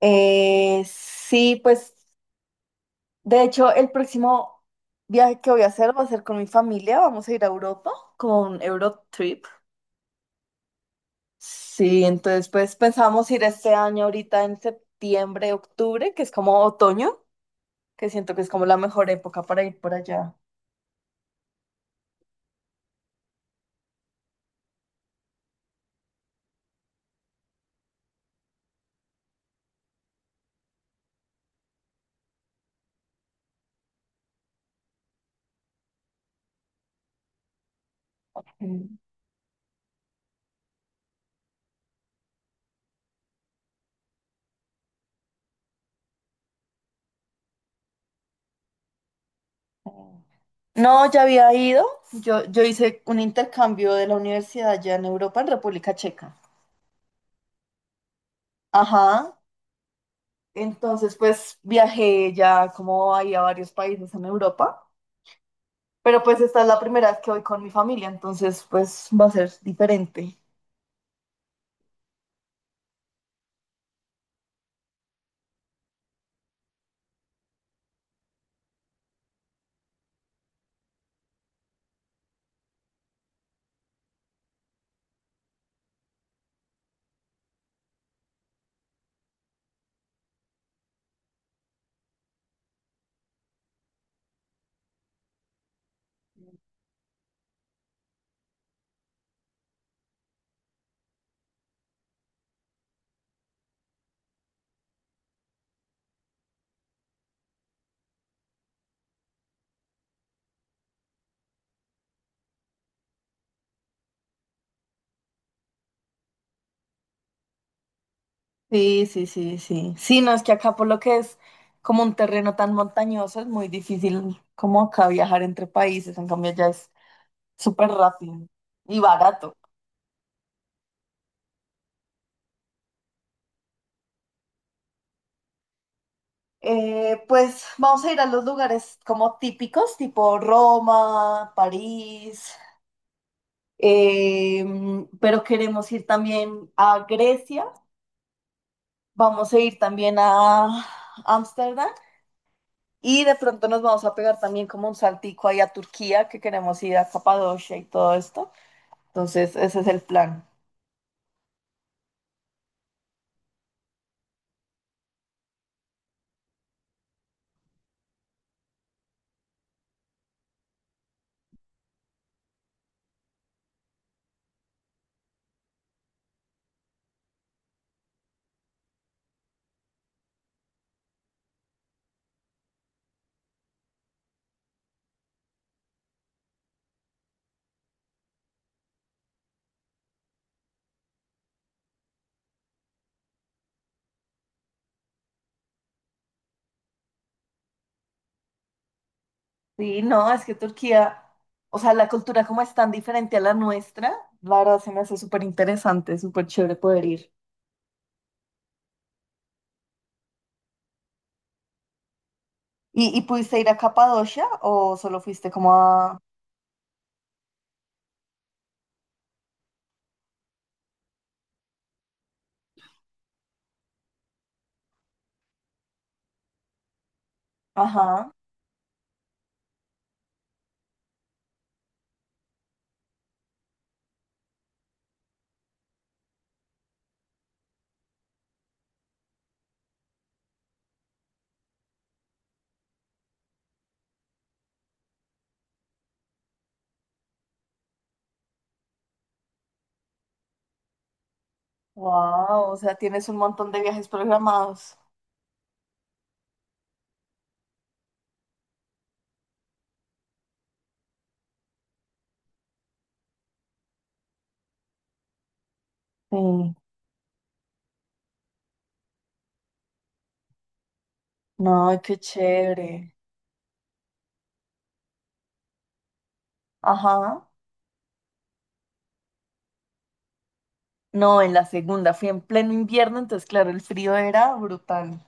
Sí, pues de hecho el próximo viaje que voy a hacer va a ser con mi familia, vamos a ir a Europa con un Eurotrip. Sí, entonces pues pensamos ir este año ahorita en septiembre, octubre, que es como otoño, que siento que es como la mejor época para ir por allá. Mm. No, ya había ido. Yo hice un intercambio de la universidad allá en Europa, en República Checa. Ajá. Entonces, pues viajé ya como ahí a varios países en Europa. Pero pues esta es la primera vez que voy con mi familia, entonces pues va a ser diferente. Sí, sí, sí, sí. Sí, no es que acá por lo que es como un terreno tan montañoso, es muy difícil como acá viajar entre países. En cambio, ya es súper rápido y barato. Pues vamos a ir a los lugares como típicos, tipo Roma, París, eh, pero queremos ir también a Grecia, vamos a ir también a Ámsterdam, y de pronto nos vamos a pegar también como un saltico ahí a Turquía, que queremos ir a Capadocia y todo esto. Entonces, ese es el plan. Sí, no, es que Turquía, o sea, la cultura como es tan diferente a la nuestra, la verdad se me hace súper interesante, súper chévere poder ir. ¿Y pudiste ir a Capadocia o solo fuiste como a... Ajá, wow, o sea, tienes un montón de viajes programados. Sí, no, qué chévere. Ajá. No, en la segunda fui en pleno invierno, entonces claro, el frío era brutal.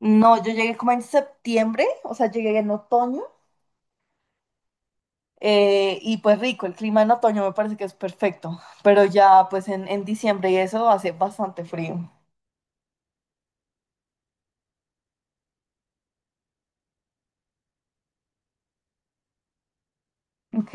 No, yo llegué como en septiembre, o sea, llegué en otoño, y pues rico, el clima en otoño me parece que es perfecto, pero ya pues en diciembre y eso hace bastante frío. Ok,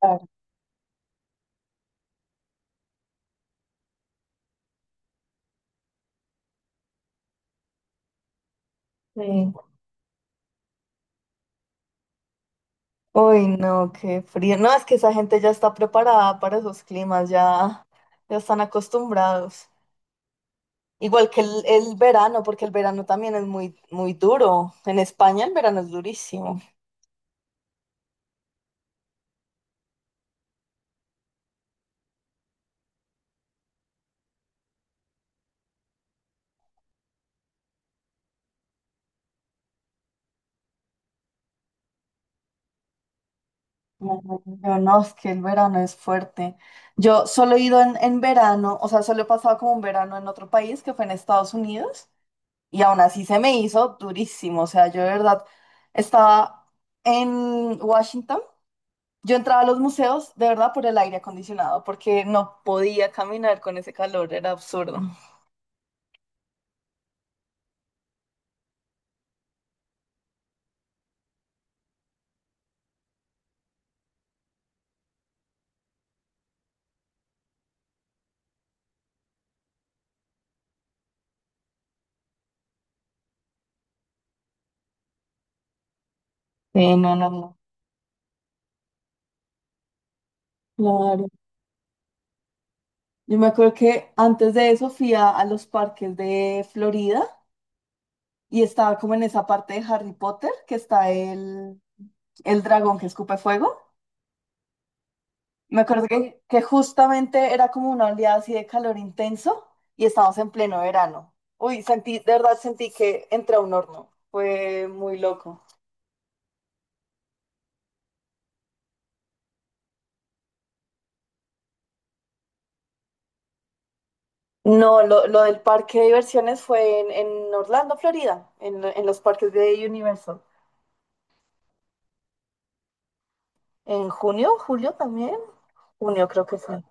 claro. Sí. Uy, no, qué frío. No, es que esa gente ya está preparada para esos climas, ya, ya están acostumbrados. Igual que el verano, porque el verano también es muy, muy duro. En España el verano es durísimo. No, yo no, es que el verano es fuerte. Yo solo he ido en verano, o sea, solo he pasado como un verano en otro país, que fue en Estados Unidos, y aún así se me hizo durísimo. O sea, yo de verdad estaba en Washington. Yo entraba a los museos de verdad por el aire acondicionado, porque no podía caminar con ese calor, era absurdo. Sí, no, no, no. Claro. Yo me acuerdo que antes de eso fui a los parques de Florida y estaba como en esa parte de Harry Potter que está el dragón que escupe fuego. Me acuerdo que justamente era como una oleada así de calor intenso y estábamos en pleno verano. Uy, sentí, de verdad sentí que entré a un horno. Fue muy loco. No, lo del parque de diversiones fue en Orlando, Florida, en los parques de Universal. ¿En junio? ¿Julio también? Junio creo que fue.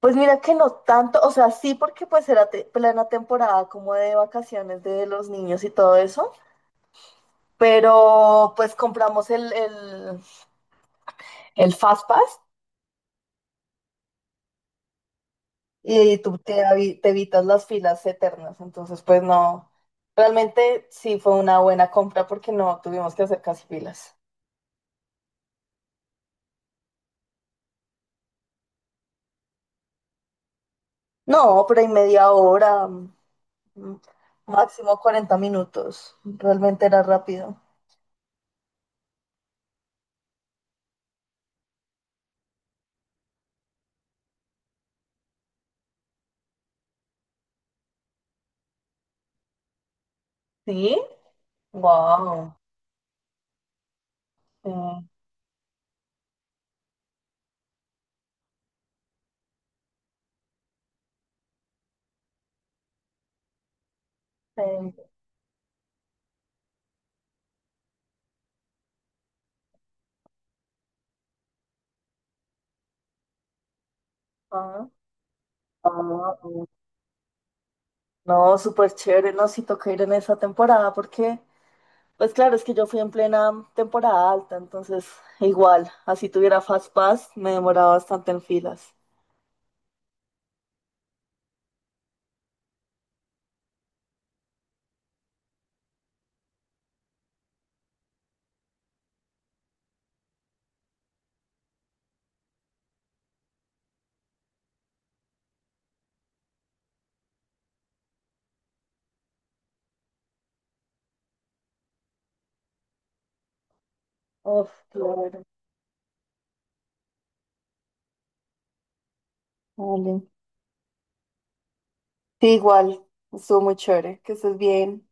Pues mira que no tanto, o sea, sí porque pues era te- plena temporada como de vacaciones de los niños y todo eso, pero pues compramos el Fast Pass y tú te evitas las filas eternas, entonces pues no, realmente sí fue una buena compra porque no tuvimos que hacer casi filas. No, pero en media hora, máximo 40 minutos. Realmente era rápido. ¿Sí? Wow. Eh, ah, ah, no, súper chévere, no, sí toca ir en esa temporada porque, pues claro, es que yo fui en plena temporada alta, entonces igual, así tuviera Fast Pass, me demoraba bastante en filas. Uf, claro. Vale. Sí, igual, estuvo muy chévere, que estés bien.